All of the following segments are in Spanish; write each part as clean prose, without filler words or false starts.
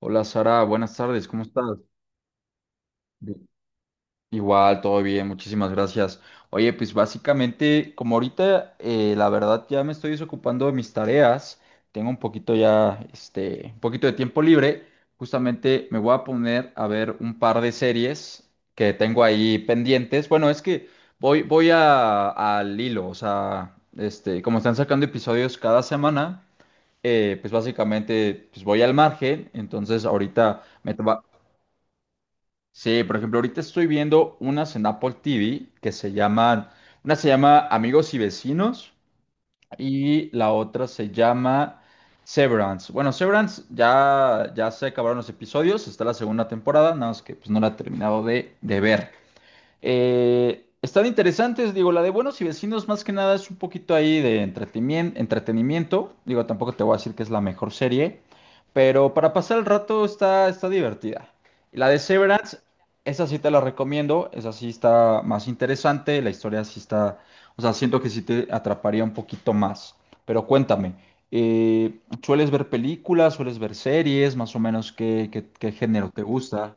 Hola Sara, buenas tardes, ¿cómo estás? Bien. Igual, todo bien, muchísimas gracias. Oye, pues básicamente, como ahorita la verdad ya me estoy desocupando de mis tareas, tengo un poquito ya, este, un poquito de tiempo libre, justamente me voy a poner a ver un par de series que tengo ahí pendientes. Bueno, es que voy, voy a, al hilo, o sea, este, como están sacando episodios cada semana, pues básicamente pues voy al margen, entonces ahorita... Me, sí, por ejemplo, ahorita estoy viendo unas en Apple TV que se llaman, una se llama Amigos y Vecinos y la otra se llama Severance. Bueno, Severance ya se acabaron los episodios, está la segunda temporada, nada más que pues no la he terminado de ver. Están interesantes, digo, la de Buenos y Vecinos más que nada es un poquito ahí de entretenimiento, digo, tampoco te voy a decir que es la mejor serie, pero para pasar el rato está divertida. Y la de Severance, esa sí te la recomiendo, esa sí está más interesante, la historia sí está, o sea, siento que sí te atraparía un poquito más, pero cuéntame, ¿sueles ver películas, sueles ver series, más o menos qué género te gusta?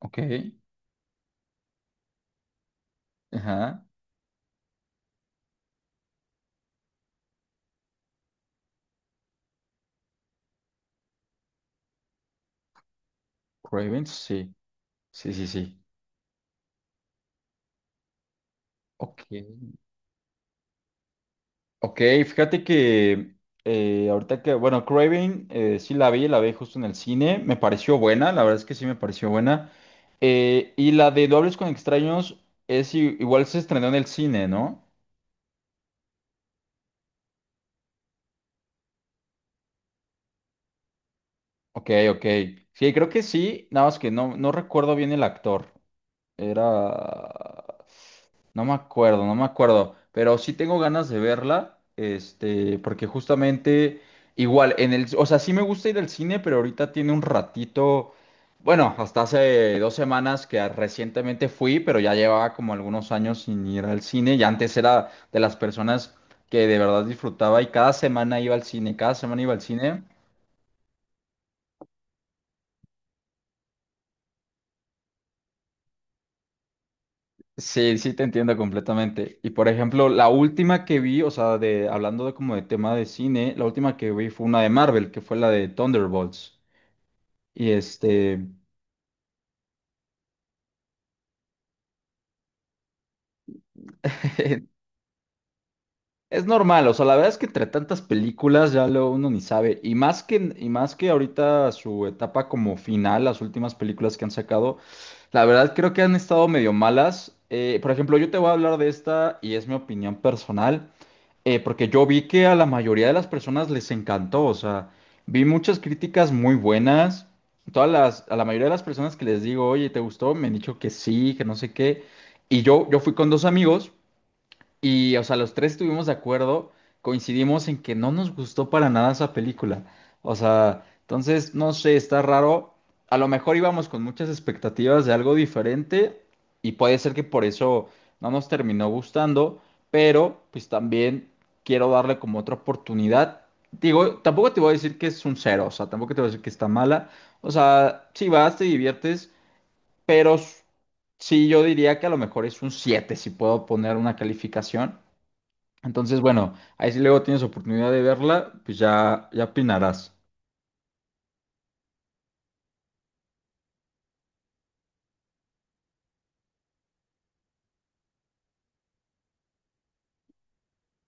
Ok, ajá. Cravens, sí. Sí, sí, sí. Ok. Ok, fíjate que ahorita que, bueno, Craven sí la vi justo en el cine, me pareció buena, la verdad es que sí me pareció buena. Y la de Dobles con Extraños es igual se estrenó en el cine, ¿no? Ok, ok. Sí, creo que sí, nada más que no, no recuerdo bien el actor. Era... No me acuerdo, no me acuerdo, pero sí tengo ganas de verla, este, porque justamente igual en el, o sea, sí me gusta ir al cine, pero ahorita tiene un ratito, bueno, hasta hace dos semanas que recientemente fui, pero ya llevaba como algunos años sin ir al cine, y antes era de las personas que de verdad disfrutaba y cada semana iba al cine, cada semana iba al cine. Sí, sí, te entiendo completamente. Y por ejemplo, la última que vi, o sea, hablando de como de tema de cine, la última que vi fue una de Marvel, que fue la de Thunderbolts. Y este, es normal, o sea, la verdad es que entre tantas películas ya lo uno ni sabe. Y más que ahorita su etapa como final, las últimas películas que han sacado, la verdad creo que han estado medio malas. Por ejemplo, yo te voy a hablar de esta y es mi opinión personal. Porque yo vi que a la mayoría de las personas les encantó, o sea, vi muchas críticas muy buenas. Todas las, a la mayoría de las personas que les digo, oye, ¿te gustó? Me han dicho que sí, que no sé qué. Y yo fui con dos amigos y, o sea, los tres estuvimos de acuerdo, coincidimos en que no nos gustó para nada esa película. O sea, entonces, no sé, está raro. A lo mejor íbamos con muchas expectativas de algo diferente y puede ser que por eso no nos terminó gustando, pero pues también quiero darle como otra oportunidad. Digo, tampoco te voy a decir que es un cero, o sea, tampoco te voy a decir que está mala. O sea, si vas, te diviertes, pero sí yo diría que a lo mejor es un 7 si puedo poner una calificación. Entonces, bueno, ahí si luego tienes oportunidad de verla, pues ya opinarás.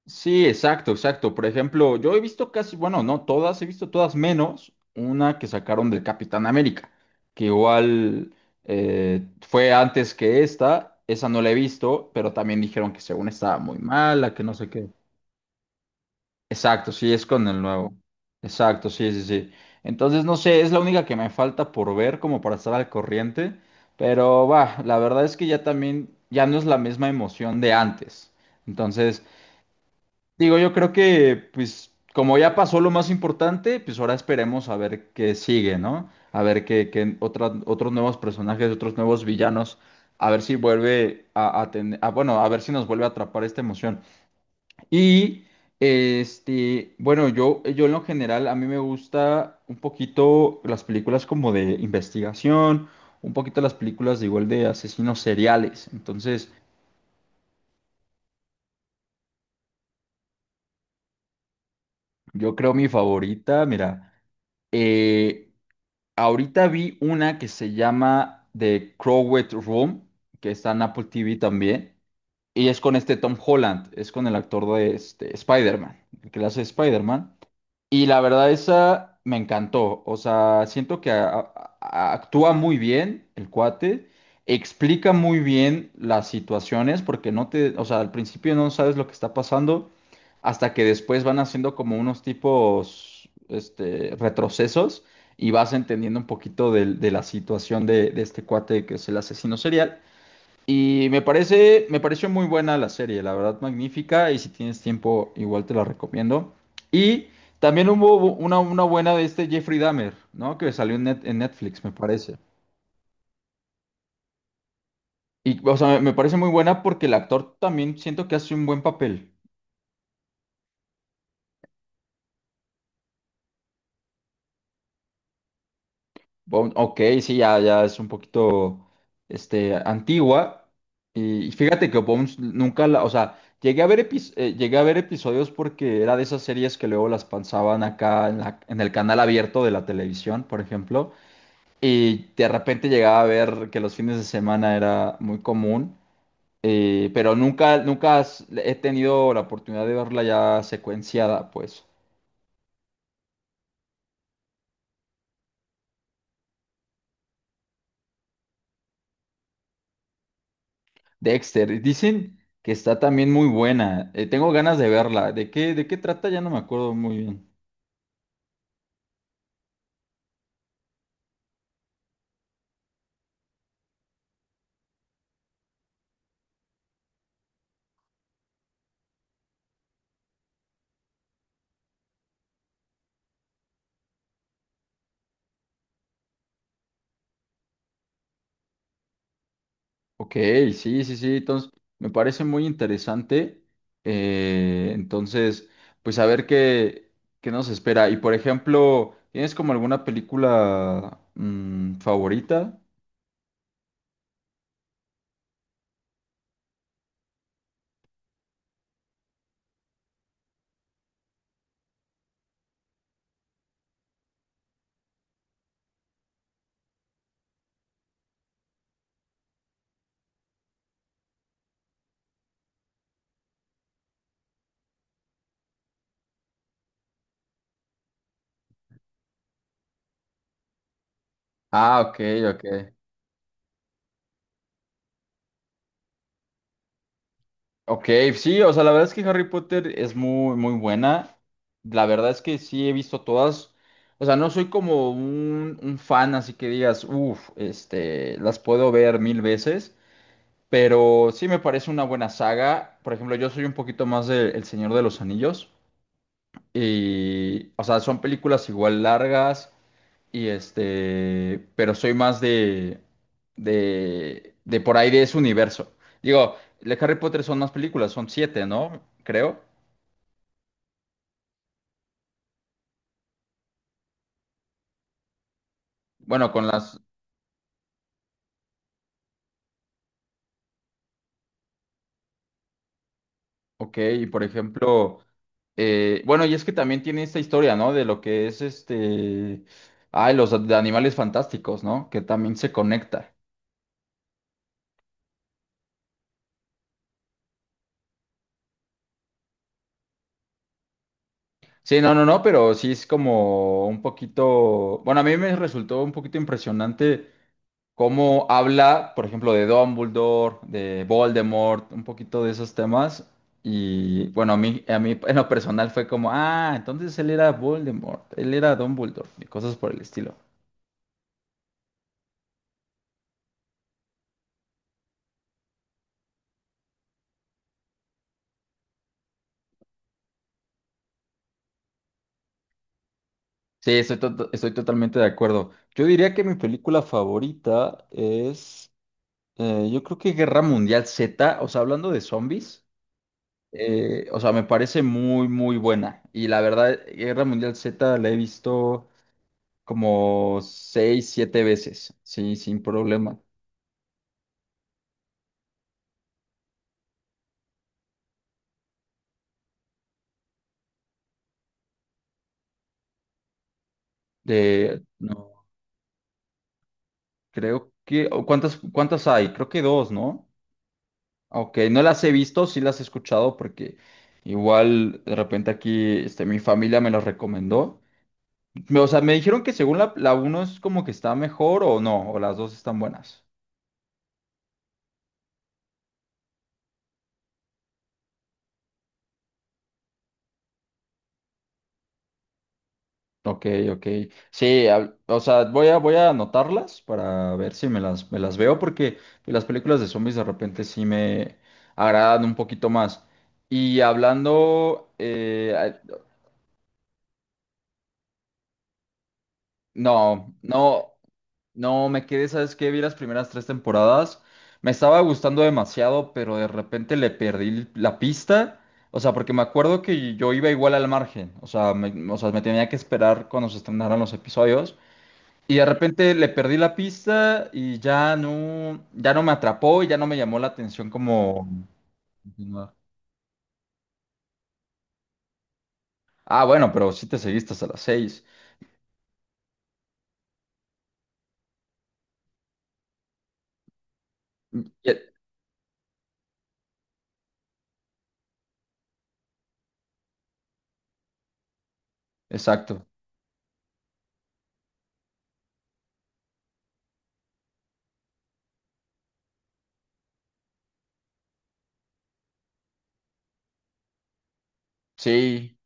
Sí, exacto, exacto. Por ejemplo, yo he visto casi, bueno, no todas, he visto todas menos una que sacaron del Capitán América, que igual fue antes que esta, esa no la he visto, pero también dijeron que según estaba muy mala, que no sé qué. Exacto, sí, es con el nuevo. Exacto, sí, sí, sí. Entonces, no sé, es la única que me falta por ver como para estar al corriente, pero va, la verdad es que ya también, ya no es la misma emoción de antes. Entonces, digo, yo creo que, pues, como ya pasó lo más importante, pues ahora esperemos a ver qué sigue, ¿no? A ver qué, otros nuevos personajes, otros nuevos villanos, a ver si vuelve a tener, bueno, a ver si nos vuelve a atrapar esta emoción. Y este, bueno, yo en lo general, a mí me gusta un poquito las películas como de investigación, un poquito las películas de igual de asesinos seriales. Entonces, yo creo mi favorita, mira, eh, ahorita vi una que se llama The Crowded Room, que está en Apple TV también, y es con este Tom Holland, es con el actor de este, Spider-Man, el que le hace Spider-Man. Y la verdad, esa me encantó. O sea, siento que actúa muy bien el cuate, explica muy bien las situaciones, porque no te, o sea, al principio no sabes lo que está pasando, hasta que después van haciendo como unos tipos, este, retrocesos y vas entendiendo un poquito de, la situación de este cuate que es el asesino serial. Y me pareció muy buena la serie, la verdad, magnífica. Y si tienes tiempo, igual te la recomiendo. Y también hubo una buena de este Jeffrey Dahmer, ¿no? Que salió en, en Netflix, me parece. Y, o sea, me parece muy buena porque el actor también siento que hace un buen papel. Ok, sí, ya es un poquito este, antigua. Y fíjate que Bones nunca la, o sea, llegué a ver llegué a ver episodios porque era de esas series que luego las pasaban acá en en el canal abierto de la televisión, por ejemplo. Y de repente llegaba a ver que los fines de semana era muy común. Pero nunca, nunca has- he tenido la oportunidad de verla ya secuenciada, pues. Dexter, dicen que está también muy buena. Tengo ganas de verla. De qué trata? Ya no me acuerdo muy bien. Ok, sí, sí, sí. Entonces, me parece muy interesante. Entonces, pues a ver qué, qué nos espera. Y por ejemplo, ¿tienes como alguna película mm, favorita? Ah, ok, ok. Ok, sí, o sea, la verdad es que Harry Potter es muy, muy buena. La verdad es que sí he visto todas. O sea, no soy como un fan, así que digas, uff, este, las puedo ver mil veces. Pero sí me parece una buena saga. Por ejemplo, yo soy un poquito más de El Señor de los Anillos. Y, o sea, son películas igual largas. Y este, pero soy más de por ahí de ese universo. Digo, de Harry Potter son más películas, son siete, ¿no? Creo. Bueno, con las, ok, y por ejemplo, bueno, y es que también tiene esta historia, ¿no? De lo que es este, ay, los de animales fantásticos, ¿no? Que también se conecta. Sí, no, no, no, pero sí es como un poquito, bueno, a mí me resultó un poquito impresionante cómo habla, por ejemplo, de Dumbledore, de Voldemort, un poquito de esos temas. Y bueno, a mí en lo personal fue como, ah, entonces él era Voldemort, él era Dumbledore, y cosas por el estilo. Sí, estoy totalmente de acuerdo. Yo diría que mi película favorita es, yo creo que Guerra Mundial Z, o sea, hablando de zombies. O sea, me parece muy, muy buena. Y la verdad, Guerra Mundial Z la he visto como seis, siete veces, sí, sin problema. De, no, creo que, o ¿cuántas hay? Creo que dos, ¿no? Ok, no las he visto, sí las he escuchado porque igual de repente aquí este, mi familia me las recomendó. Me- O sea, me dijeron que según la uno es como que está mejor o no, o las dos están buenas. Ok, ok. Sí, o sea, voy a anotarlas para ver si me las veo, porque las películas de zombies de repente sí me agradan un poquito más. Y hablando, no, no, no me quedé, ¿sabes qué? Vi las primeras tres temporadas, me estaba gustando demasiado, pero de repente le perdí la pista. O sea, porque me acuerdo que yo iba igual al margen, o sea, o sea, me tenía que esperar cuando se estrenaran los episodios. Y de repente le perdí la pista y ya no me atrapó y ya no me llamó la atención como continuar. Ah, bueno, pero sí te seguiste hasta las seis. Y- Exacto. Sí,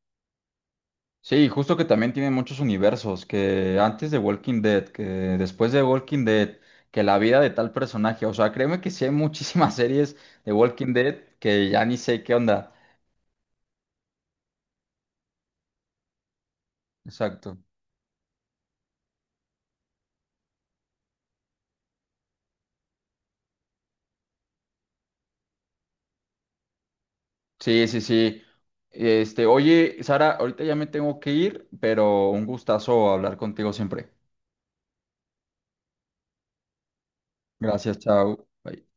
sí, justo que también tiene muchos universos, que antes de Walking Dead, que después de Walking Dead, que la vida de tal personaje. O sea, créeme que sí hay muchísimas series de Walking Dead que ya ni sé qué onda. Exacto. Sí, sí, sí. Este, oye, Sara, ahorita ya me tengo que ir, pero un gustazo hablar contigo siempre. Gracias, chao. Bye.